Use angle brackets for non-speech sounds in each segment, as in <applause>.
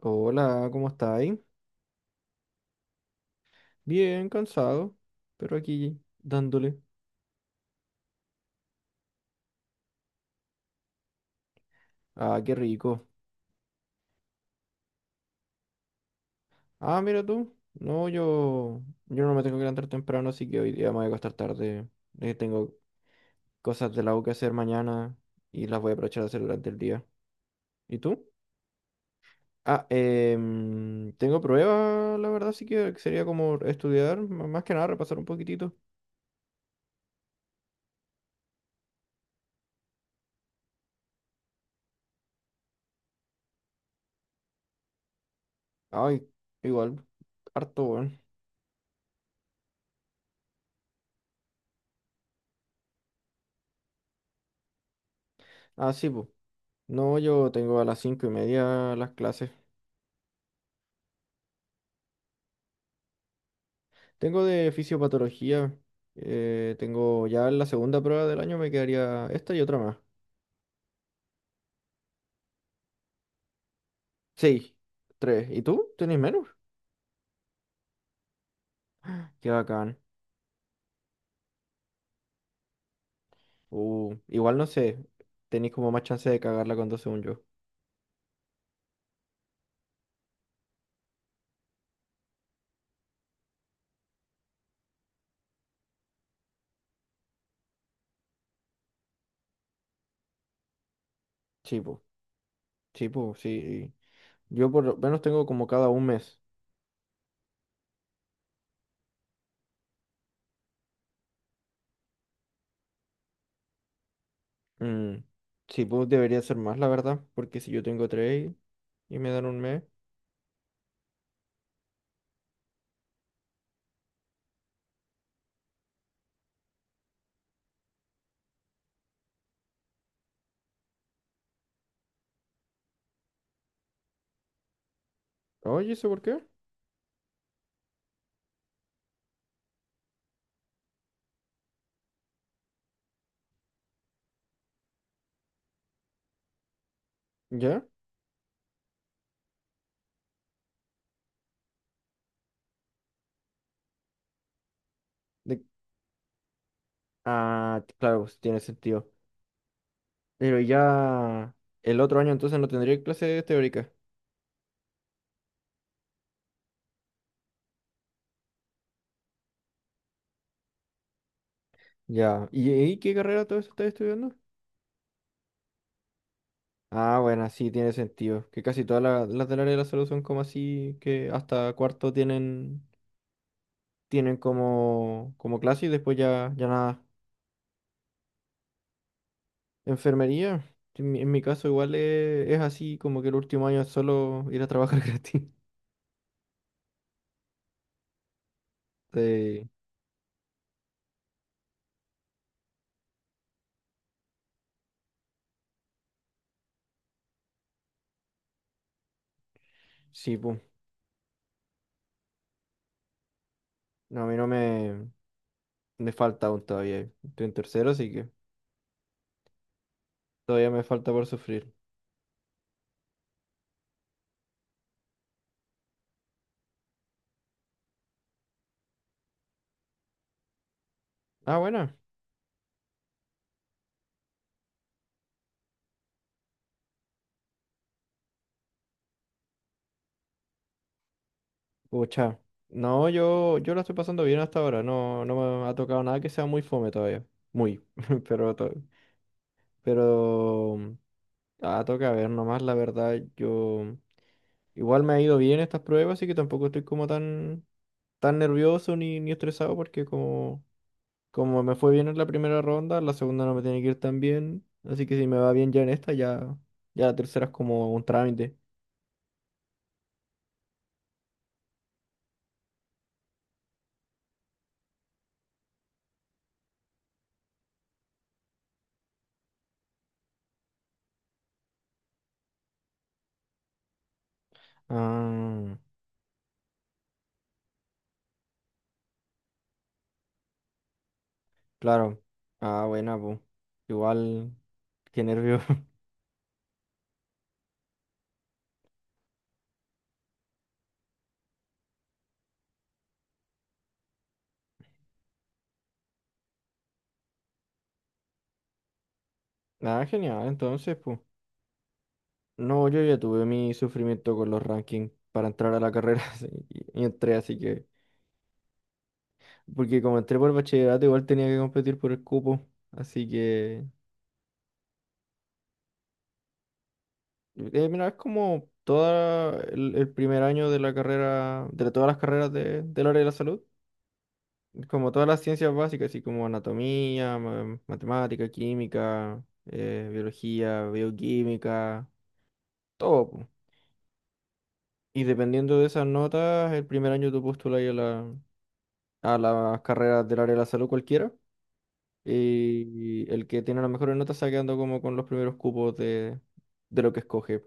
Hola, ¿cómo estáis? Bien, cansado, pero aquí dándole. Ah, qué rico. Ah, mira tú. No, yo no me tengo que levantar temprano, así que hoy día me voy a acostar tarde. Tengo cosas de la U que hacer mañana y las voy a aprovechar a hacer durante el día. ¿Y tú? Ah, tengo pruebas, la verdad, así que sería como estudiar, más que nada repasar un poquitito. Ay, igual, harto, bueno. Ah, sí, pues. No, yo tengo a las 5:30 las clases. Tengo de fisiopatología. Tengo ya la segunda prueba del año, me quedaría esta y otra más. Sí, tres. ¿Y tú? ¿Tenés menos? Qué bacán. Igual no sé. Tenéis como más chance de cagarla cuando dos según yo. Sí, po. Sí, po, sí. Yo por lo menos tengo como cada un mes. Mm, sí, pues debería ser más, la verdad. Porque si yo tengo tres y me dan un mes. Oye, ¿eso por qué? ¿Ya? De- Ah, claro, pues, tiene sentido. Pero ya el otro año entonces no tendría clases teóricas. Ya. ¿Y qué carrera todo eso estás estudiando? Ah, bueno, sí, tiene sentido. Que casi todas las del área de la salud son como así, que hasta cuarto tienen, tienen como, como clase y después ya, ya nada. Enfermería, en mi caso igual es así, como que el último año es solo ir a trabajar <laughs> gratis. Sí, sí, pues. No, a mí no me falta aún todavía. Estoy en tercero, así que todavía me falta por sufrir. Ah, bueno. Pucha. No, yo la estoy pasando bien hasta ahora. No, no me ha tocado nada que sea muy fome todavía. Muy. <laughs> Pero, to- pero ah, toca ver nomás, la verdad. Yo igual me ha ido bien estas pruebas, así que tampoco estoy como tan nervioso ni estresado porque como me fue bien en la primera ronda, la segunda no me tiene que ir tan bien. Así que si me va bien ya en esta, ya, ya la tercera es como un trámite. Ah, claro. Ah, buena, pues. Igual, qué nervio. Ah, genial, entonces, pues. No, yo ya tuve mi sufrimiento con los rankings para entrar a la carrera <laughs> así, y entré, así que. Porque como entré por bachillerato, igual tenía que competir por el cupo. Así que. Mira, es como todo el primer año de la carrera, de todas las carreras del área de la salud. Como todas las ciencias básicas, así como anatomía, matemática, química, biología, bioquímica, todo, po. Y dependiendo de esas notas, el primer año tú postulas a a las carreras del área de la salud cualquiera. Y el que tiene las mejores notas está quedando como con los primeros cupos de lo que escoge.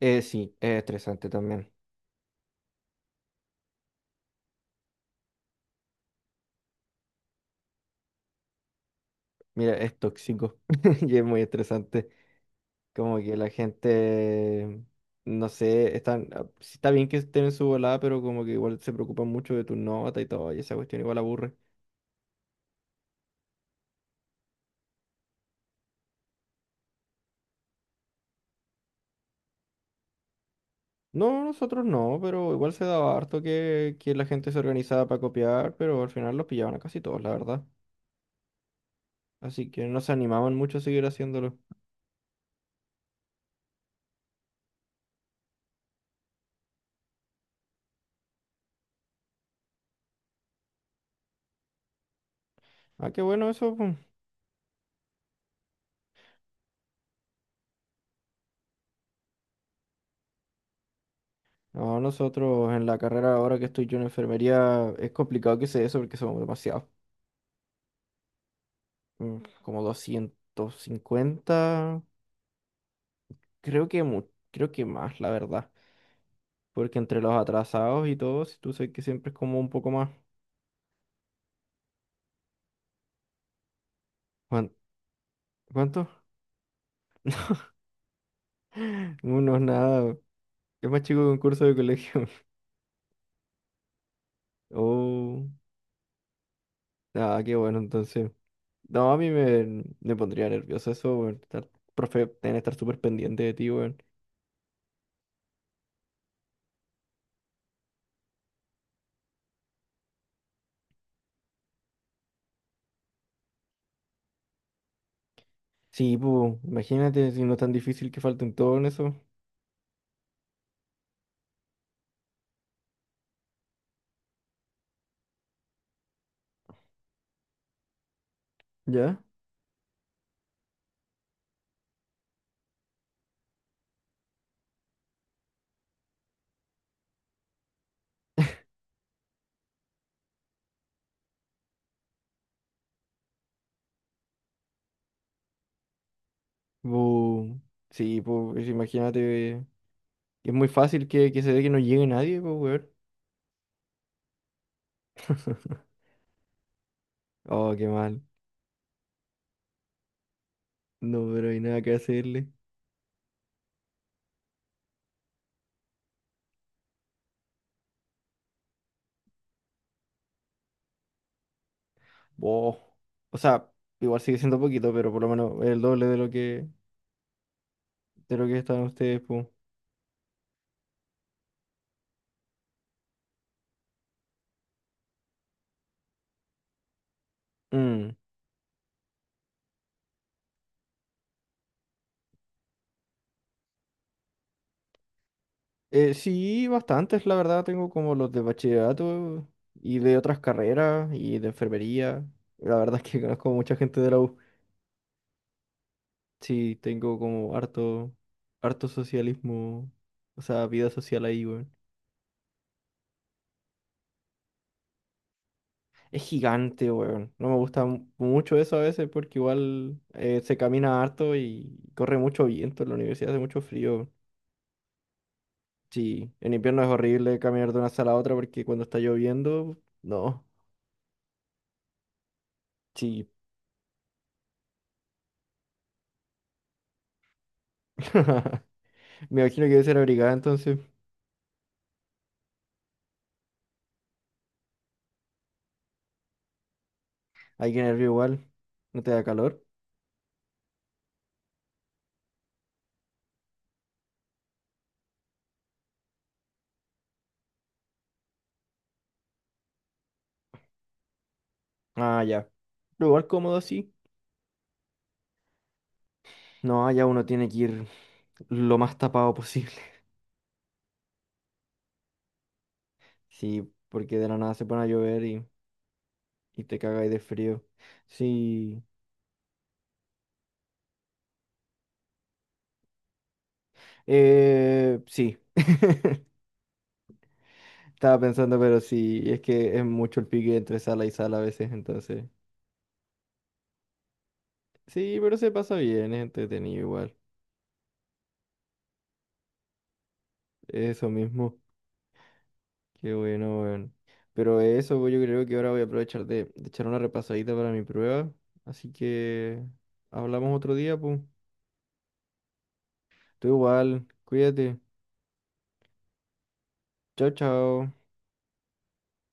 Sí, es estresante también. Mira, es tóxico <laughs> y es muy estresante. Como que la gente, no sé, están, ah, sí está bien que estén en su volada, pero como que igual se preocupan mucho de tu nota y todo, y esa cuestión igual aburre. No, nosotros no, pero igual se daba harto que la gente se organizaba para copiar, pero al final los pillaban a casi todos, la verdad. Así que no se animaban mucho a seguir haciéndolo. Ah, qué bueno eso, pues. No, nosotros en la carrera ahora que estoy yo en enfermería es complicado que sea eso porque somos demasiados. mm, Como 250, creo que mu- creo que más, la verdad. Porque entre los atrasados y todos, tú sabes que siempre es como un poco más. ¿Cuán- ¿Cuánto? <gasps> <laughs> Unos nada. Es más chico que un curso de colegio. <laughs> Oh, nada, qué bueno entonces. No, a mí me pondría nervioso eso, weón. Estar, profe, tener que estar súper pendiente de ti, weón. Sí, pues, imagínate si no es tan difícil que falten todo en eso. ¿Ya? Bu, sí, pues, imagínate. Es muy fácil que se dé que no llegue nadie, pues, weón. <laughs> Oh, qué mal. No, pero hay nada que hacerle. Oh. O sea, igual sigue siendo poquito, pero por lo menos el doble de lo que están ustedes, pues. Sí, bastantes, la verdad, tengo como los de bachillerato y de otras carreras y de enfermería. La verdad es que <laughs> conozco mucha gente de la U. Sí, tengo como harto, harto socialismo, o sea, vida social ahí, weón. Es gigante, weón. No me gusta mucho eso a veces porque igual se camina harto y corre mucho viento en la universidad, hace mucho frío. Sí, en invierno es horrible caminar de una sala a otra porque cuando está lloviendo, no. Sí. <laughs> Me imagino que debe ser abrigada entonces. Aquí en el río igual. ¿No te da calor? Ah, ya. Pero igual cómodo así. No, ya uno tiene que ir lo más tapado posible. <laughs> Sí, porque de la nada se pone a llover y te cagáis de frío. Sí. Sí. <laughs> Estaba pensando, pero sí, es que es mucho el pique entre sala y sala a veces, entonces. Sí, pero se pasa bien, es entretenido igual. Eso mismo. Qué bueno, weón. Pero eso, pues, yo creo que ahora voy a aprovechar de echar una repasadita para mi prueba. Así que hablamos otro día, pues. Tú igual, cuídate. Chao, chao.